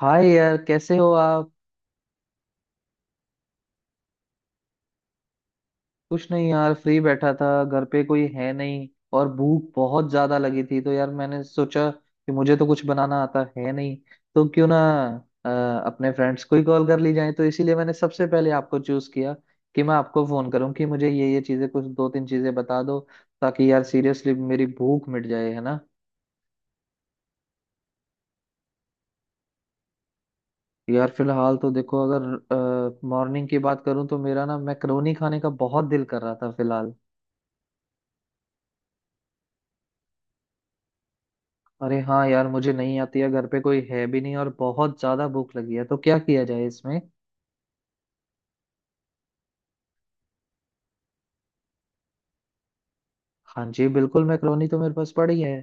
हाय यार कैसे हो आप। कुछ नहीं यार फ्री बैठा था घर पे कोई है नहीं। और भूख बहुत ज्यादा लगी थी तो यार मैंने सोचा कि मुझे तो कुछ बनाना आता है नहीं। तो क्यों ना अ, अपने फ्रेंड्स को ही कॉल कर ली जाए तो इसीलिए मैंने सबसे पहले आपको चूज किया कि मैं आपको फोन करूं कि मुझे ये चीजें कुछ दो तीन चीजें बता दो ताकि यार सीरियसली मेरी भूख मिट जाए, है ना। यार फिलहाल तो देखो, अगर मॉर्निंग की बात करूं तो मेरा ना मैक्रोनी खाने का बहुत दिल कर रहा था फिलहाल। अरे हाँ यार, मुझे नहीं आती है, घर पे कोई है भी नहीं और बहुत ज्यादा भूख लगी है तो क्या किया जाए इसमें। हाँ जी, बिल्कुल, मैक्रोनी तो मेरे पास पड़ी है।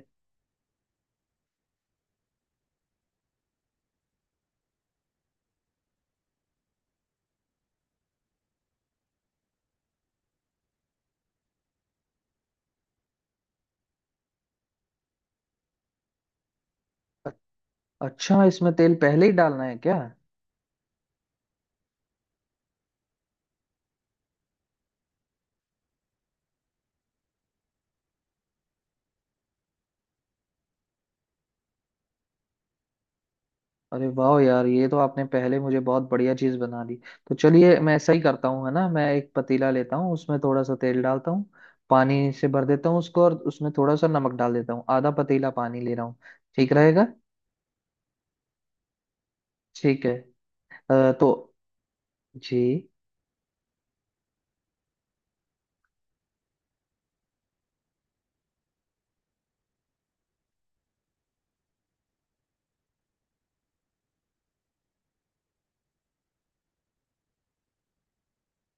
अ- अच्छा, इसमें तेल पहले ही डालना है क्या। अरे वाह यार, ये तो आपने पहले मुझे बहुत बढ़िया चीज बना दी। तो चलिए मैं ऐसा ही करता हूँ, है ना। मैं एक पतीला लेता हूँ, उसमें थोड़ा सा तेल डालता हूँ, पानी से भर देता हूँ उसको और उसमें थोड़ा सा नमक डाल देता हूँ। आधा पतीला पानी ले रहा हूँ, ठीक रहेगा। ठीक है। तो जी।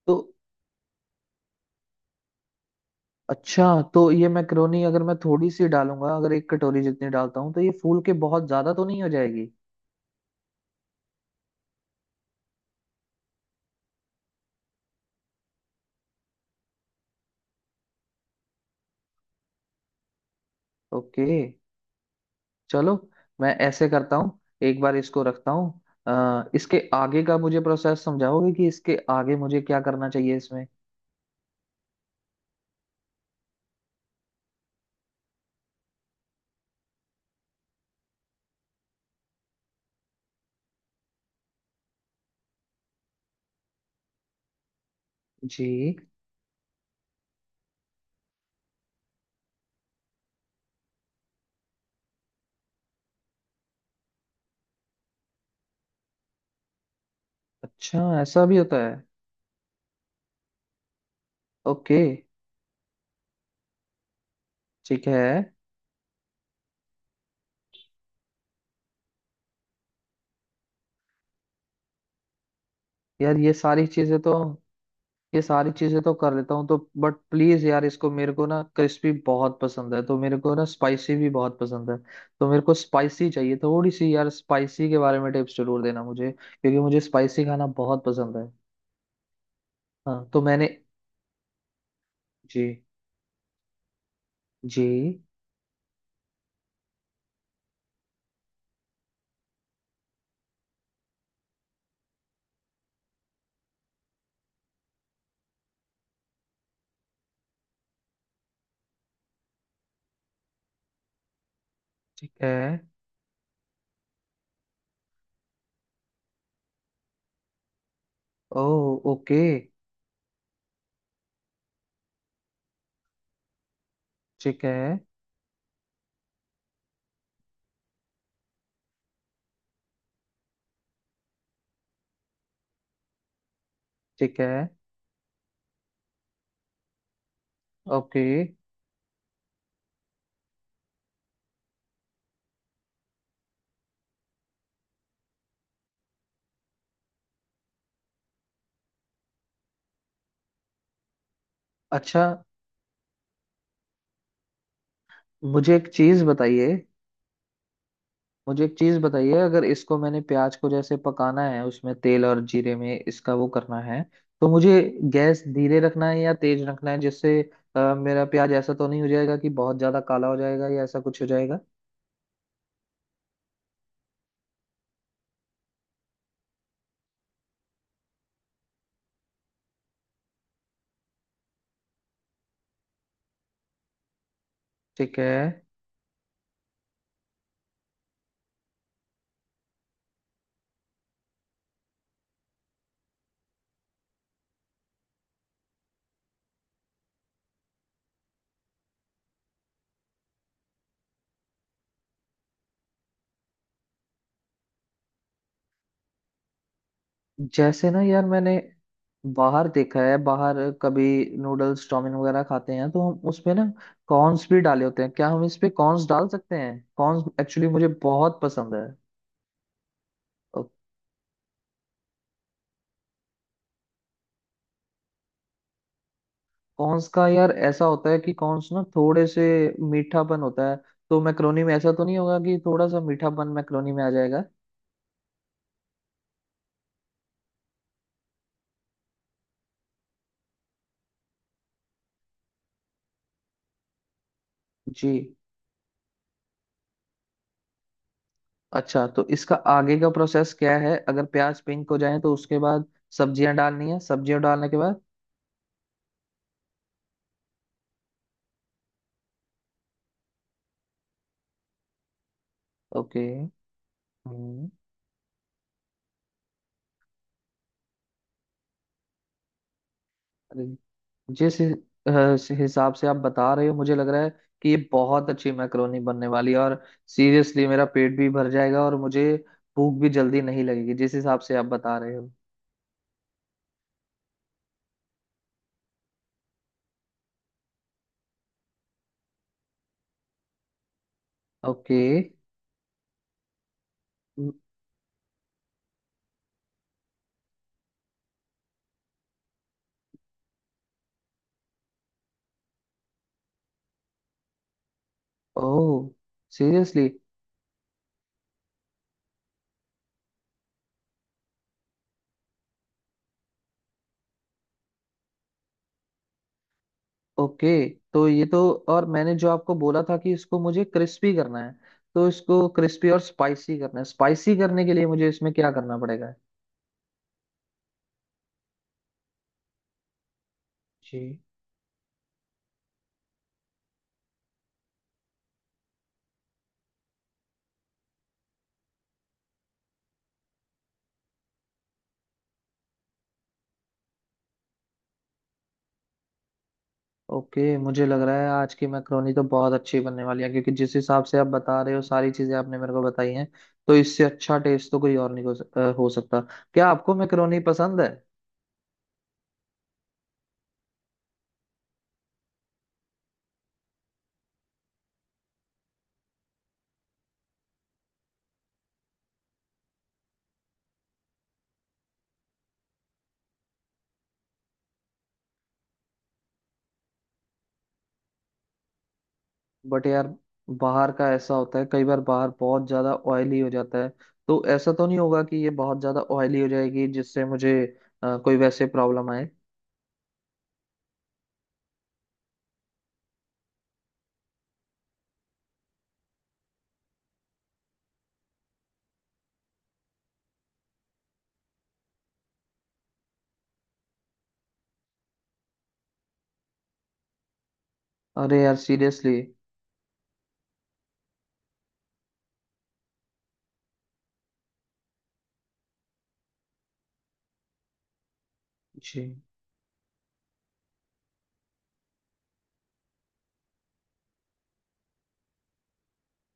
तो अच्छा, तो ये मैक्रोनी अगर मैं थोड़ी सी डालूंगा, अगर एक कटोरी जितनी डालता हूँ तो ये फूल के बहुत ज्यादा तो नहीं हो जाएगी। ओके, चलो। मैं ऐसे करता हूँ, एक बार इसको रखता हूँ। इसके आगे का मुझे प्रोसेस समझाओगे कि इसके आगे मुझे क्या करना चाहिए इसमें। जी। अच्छा, ऐसा भी होता है। ओके, ठीक है। यार ये सारी चीजें तो, ये सारी चीजें तो कर लेता हूँ तो, बट प्लीज यार, इसको मेरे को ना क्रिस्पी बहुत पसंद है तो, मेरे को ना स्पाइसी भी बहुत पसंद है। तो मेरे को स्पाइसी चाहिए थोड़ी सी यार। स्पाइसी के बारे में टिप्स जरूर देना मुझे, क्योंकि मुझे स्पाइसी खाना बहुत पसंद है। हाँ तो मैंने। जी। जी। ठीक है। ओ, ओके। ठीक है। ठीक है। ओके। अच्छा, मुझे एक चीज बताइए, मुझे एक चीज बताइए, अगर इसको मैंने प्याज को जैसे पकाना है उसमें तेल और जीरे में इसका वो करना है तो मुझे गैस धीरे रखना है या तेज रखना है जिससे मेरा प्याज ऐसा तो नहीं हो जाएगा कि बहुत ज्यादा काला हो जाएगा या ऐसा कुछ हो जाएगा। ठीक है। जैसे ना यार, मैंने बाहर देखा है, बाहर कभी नूडल्स चाउमीन वगैरह खाते हैं तो हम उसमें ना कॉर्न्स भी डाले होते हैं। क्या हम इस पे कॉर्न्स डाल सकते हैं? कॉर्न्स एक्चुअली मुझे बहुत पसंद है। कॉन्स का यार ऐसा होता है कि कॉन्स ना थोड़े से मीठापन होता है, तो मैक्रोनी में ऐसा तो नहीं होगा कि थोड़ा सा मीठापन मैक्रोनी में आ जाएगा। जी। अच्छा, तो इसका आगे का प्रोसेस क्या है, अगर प्याज पिंक हो जाए तो उसके बाद? सब्जियां डालनी है, सब्जियां डालने के बाद। ओके। हम्म। अरे, जिस हि- अ, स- हिसाब से आप बता रहे हो मुझे लग रहा है कि ये बहुत अच्छी मैक्रोनी बनने वाली है और सीरियसली मेरा पेट भी भर जाएगा और मुझे भूख भी जल्दी नहीं लगेगी, जिस हिसाब से आप बता रहे हो। ओके। Oh, seriously. ओके, तो ये तो, और मैंने जो आपको बोला था कि इसको मुझे क्रिस्पी करना है, तो इसको क्रिस्पी और स्पाइसी करना है। स्पाइसी करने के लिए मुझे इसमें क्या करना पड़ेगा? जी। ओके, मुझे लग रहा है आज की मैक्रोनी तो बहुत अच्छी बनने वाली है, क्योंकि जिस हिसाब से आप बता रहे हो सारी चीजें आपने मेरे को बताई हैं, तो इससे अच्छा टेस्ट तो कोई और नहीं हो, हो सकता। क्या आपको मैक्रोनी पसंद है? बट यार, बाहर का ऐसा होता है, कई बार बाहर बहुत ज्यादा ऑयली हो जाता है, तो ऐसा तो नहीं होगा कि ये बहुत ज्यादा ऑयली हो जाएगी जिससे मुझे कोई वैसे प्रॉब्लम आए। अरे यार, सीरियसली। जी।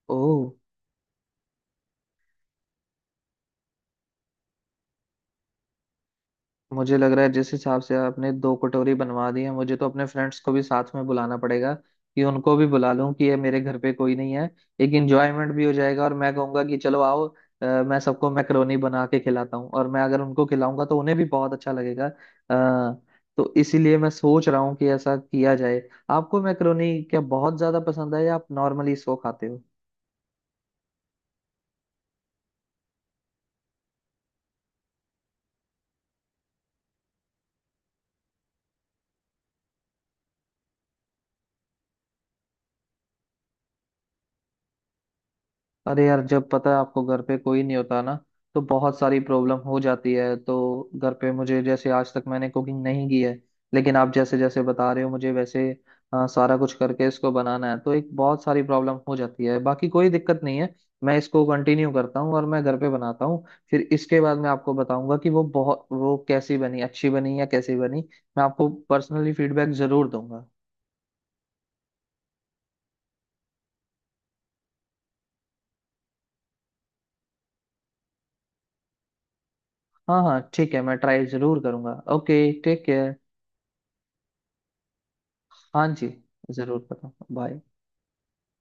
ओह। मुझे लग रहा है, जिस हिसाब से आपने दो कटोरी बनवा दी है, मुझे तो अपने फ्रेंड्स को भी साथ में बुलाना पड़ेगा कि उनको भी बुला लूं, कि ये मेरे घर पे कोई नहीं है, एक इंजॉयमेंट भी हो जाएगा। और मैं कहूंगा कि चलो आओ, मैं सबको मैकरोनी बना के खिलाता हूँ, और मैं अगर उनको खिलाऊंगा तो उन्हें भी बहुत अच्छा लगेगा। आ, तो इसीलिए मैं सोच रहा हूँ कि ऐसा किया जाए। आपको मैकरोनी क्या बहुत ज्यादा पसंद है, या आप नॉर्मली इसको खाते हो? अरे यार, जब पता है आपको घर पे कोई नहीं होता ना, तो बहुत सारी प्रॉब्लम हो जाती है। तो घर पे मुझे, जैसे आज तक मैंने कुकिंग नहीं की है, लेकिन आप जैसे जैसे बता रहे हो मुझे, वैसे सारा कुछ करके इसको बनाना है, तो एक बहुत सारी प्रॉब्लम हो जाती है। बाकी कोई दिक्कत नहीं है, मैं इसको कंटिन्यू करता हूँ और मैं घर पे बनाता हूँ। फिर इसके बाद मैं आपको बताऊंगा कि वो बहुत, वो कैसी बनी, अच्छी बनी या कैसी बनी। मैं आपको पर्सनली फीडबैक जरूर दूंगा। हाँ हाँ ठीक है, मैं ट्राई जरूर करूंगा। Okay, take care. हाँ जी, जरूर बताऊँ। बाय।